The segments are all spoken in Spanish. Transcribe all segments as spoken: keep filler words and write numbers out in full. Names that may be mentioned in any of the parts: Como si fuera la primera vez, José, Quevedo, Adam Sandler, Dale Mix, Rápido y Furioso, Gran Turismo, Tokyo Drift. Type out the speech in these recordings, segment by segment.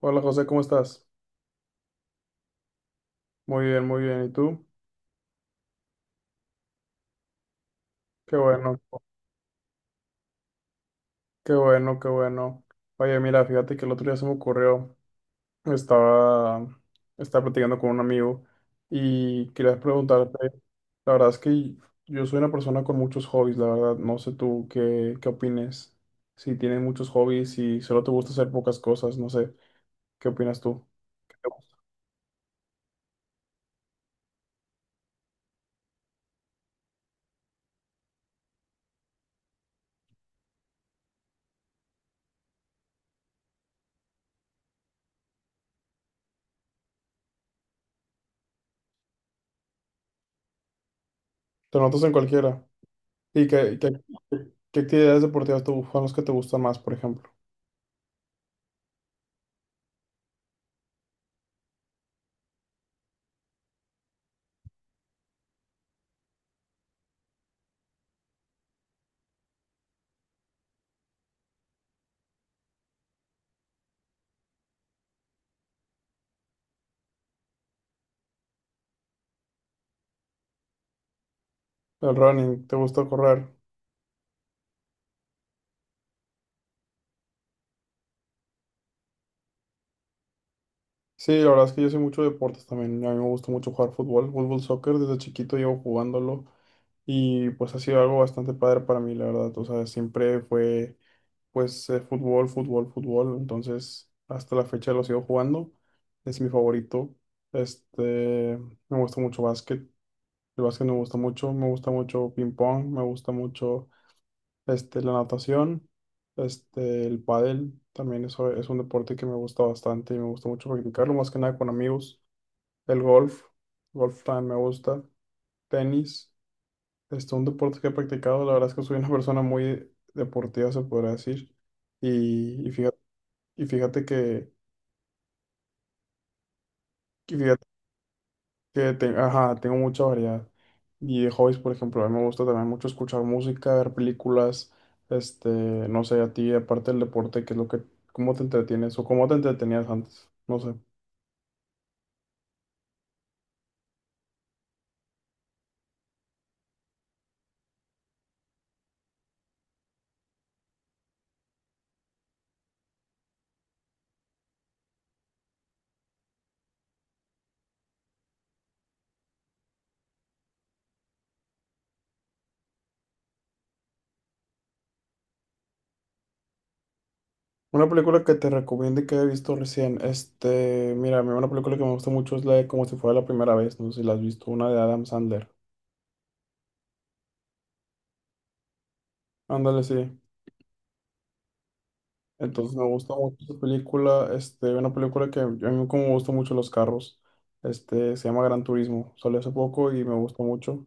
Hola José, ¿cómo estás? Muy bien, muy bien. ¿Y tú? Qué bueno, qué bueno, qué bueno. Oye, mira, fíjate que el otro día se me ocurrió, estaba, estaba platicando con un amigo y quería preguntarte, la verdad es que yo soy una persona con muchos hobbies, la verdad, no sé tú qué, qué opines, si tienes muchos hobbies, y solo te gusta hacer pocas cosas, no sé, ¿qué opinas tú? ¿Qué ¿Te gusta? ¿Te notas en cualquiera? ¿Y qué, qué, qué actividades deportivas te, son las que te gustan más, por ejemplo? El running, ¿te gusta correr? Sí, la verdad es que yo soy mucho de deportes también. A mí me gusta mucho jugar fútbol, fútbol, soccer. Desde chiquito llevo jugándolo y pues ha sido algo bastante padre para mí, la verdad. O sea, siempre fue pues eh, fútbol, fútbol, fútbol. Entonces, hasta la fecha lo sigo jugando. Es mi favorito. Este, me gusta mucho básquet. El básquet me gusta mucho. Me gusta mucho ping pong. Me gusta mucho este, la natación. Este, el pádel. También eso es un deporte que me gusta bastante y me gusta mucho practicarlo, más que nada con amigos. El golf, golf también me gusta. Tenis, este, un deporte que he practicado. La verdad es que soy una persona muy deportiva, se podría decir. Y, y fíjate, y fíjate que, y fíjate que te- ajá, tengo mucha variedad. Y de hobbies, por ejemplo, a mí me gusta también mucho escuchar música, ver películas. Este, no sé, a ti, aparte del deporte, ¿qué es lo que, ¿cómo te entretienes o cómo te entretenías antes? No sé. Una película que te recomiende que he visto recién. Este, mira, a mí una película que me gusta mucho es la de Como si fuera la primera vez. No sé si la has visto, una de Adam Sandler. Ándale, sí. Entonces me gusta mucho esa película. Este, una película que a mí como me gustan mucho los carros. Este, se llama Gran Turismo. Salió hace poco y me gustó mucho.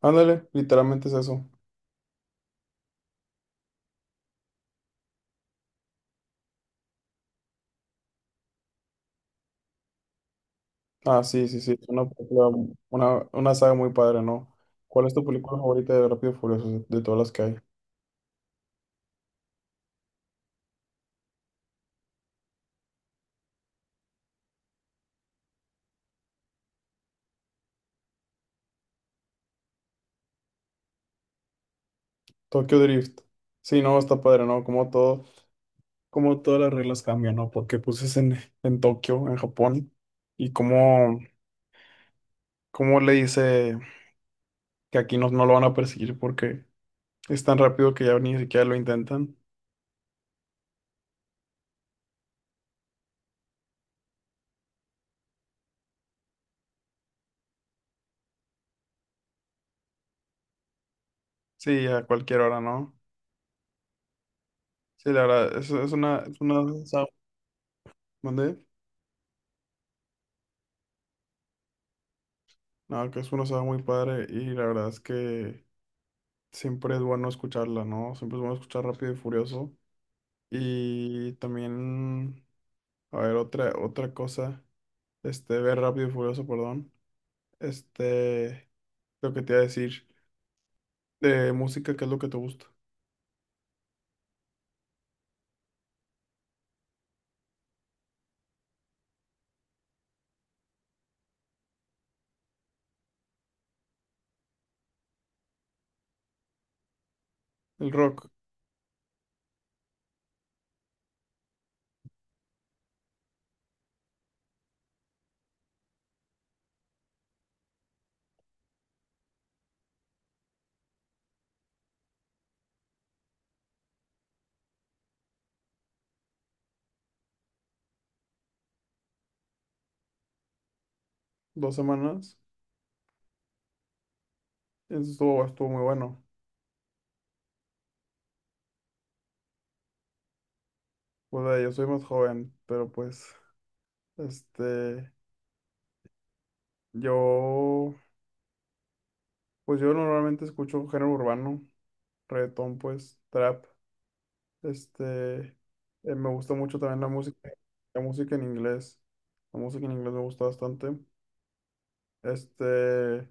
Ándale, literalmente es eso. Ah, sí, sí, sí. Es una película, una, una saga muy padre, ¿no? ¿Cuál es tu película favorita de Rápido y Furioso de todas las que hay? Tokyo Drift. Sí, no, está padre, ¿no? Como todo. Cómo todas las reglas cambian, ¿no? Porque pues es en, en Tokio, en Japón, y cómo, cómo le dice que aquí no, no lo van a perseguir porque es tan rápido que ya ni siquiera lo intentan. Sí, a cualquier hora, ¿no? Sí, la verdad, es, es una, es una saga, ¿mande? No, que es una saga muy padre y la verdad es que siempre es bueno escucharla, ¿no? Siempre es bueno escuchar Rápido y Furioso. Y también, a ver, otra, otra cosa, este, ver Rápido y Furioso, perdón. Este, Lo que te iba a decir de música, ¿qué es lo que te gusta? El rock, dos semanas, eso estuvo, estuvo muy bueno. Pues eh, yo soy más joven, pero pues, este, yo, pues yo normalmente escucho género urbano, reggaetón, pues, trap, este, eh, Me gusta mucho también la música, la música en inglés, la música en inglés me gusta bastante, este,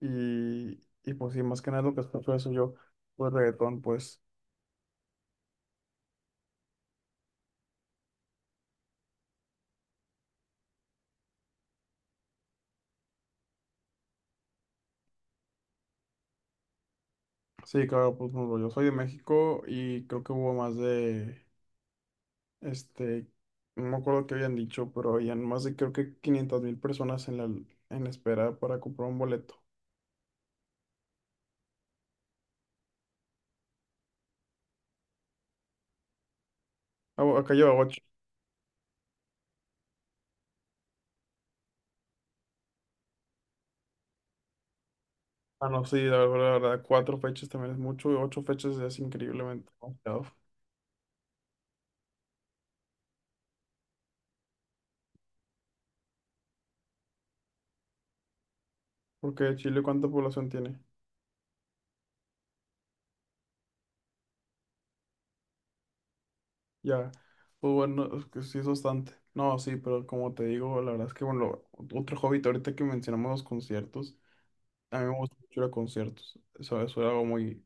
y, y pues sí, más que nada lo que escucho eso yo, pues reggaetón, pues. Sí, claro, pues por ejemplo, yo soy de México y creo que hubo más de, este, no me acuerdo qué habían dicho, pero habían más de creo que quinientas mil personas en la, en la espera para comprar un boleto. Ah, bu- acá lleva ocho. Ah, no, sí, la verdad, la verdad, cuatro fechas también es mucho, y ocho fechas es increíblemente demasiado. Porque Chile, ¿cuánta población tiene? Ya, pues bueno, es que sí es bastante. No, sí, pero como te digo, la verdad es que, bueno, otro hobby, ahorita que mencionamos los conciertos, a mí me gusta mucho ir a conciertos, eso, eso era algo muy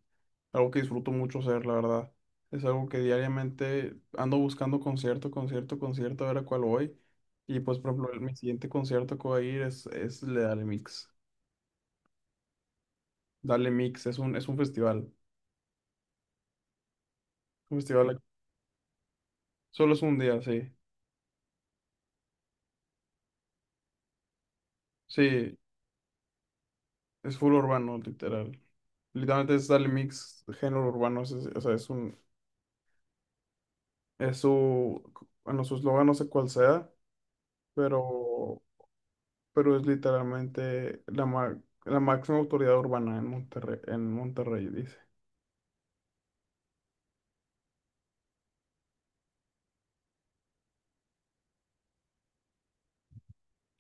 algo que disfruto mucho hacer, la verdad. Es algo que diariamente ando buscando concierto, concierto, concierto, a ver a cuál voy. Y pues, por ejemplo, el- mi siguiente concierto que voy a ir es, es el de Dale Mix. Dale Mix es un, es un festival. Un festival, aquí. Solo es un día, sí. Sí, es full urbano, literal. Literalmente es Dale Mix, género urbano. es- es- o sea, es un, es su, bueno, su eslogan no sé cuál sea, pero pero es literalmente la, ma- la máxima autoridad urbana en Monterrey, en Monterrey, dice.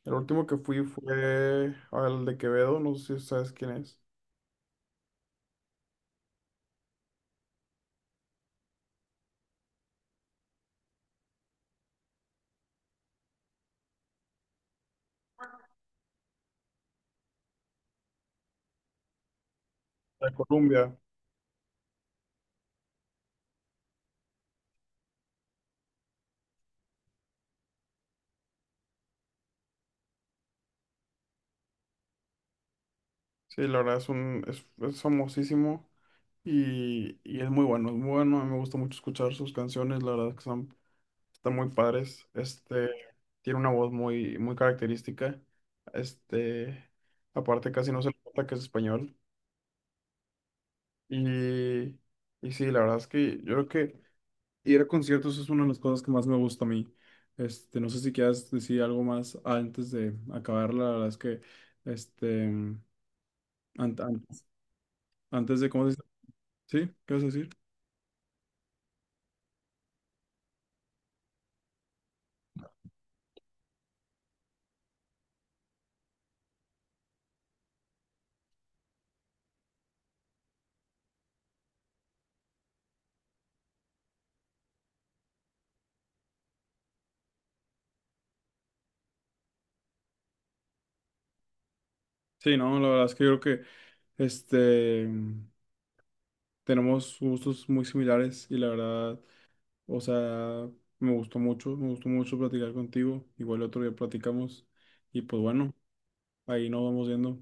El último que fui fue al de Quevedo, no sé si sabes quién es, de Colombia. Sí, la verdad es un, es, es famosísimo y, y es muy bueno, es muy bueno, a mí me gusta mucho escuchar sus canciones, la verdad que son, están muy padres. Este, tiene una voz muy, muy característica. Este, aparte casi no se le nota que es español. Y, y sí, la verdad es que yo creo que ir a conciertos es una de las cosas que más me gusta a mí. Este, no sé si quieras decir algo más antes de acabar. La verdad es que, este, an- an- antes de, ¿cómo se dice? ¿Sí? ¿Qué vas a decir? Sí, no, la verdad es que yo creo que, este, tenemos gustos muy similares y la verdad, o sea, me gustó mucho, me gustó mucho platicar contigo. Igual el otro día platicamos y pues bueno, ahí nos vamos viendo.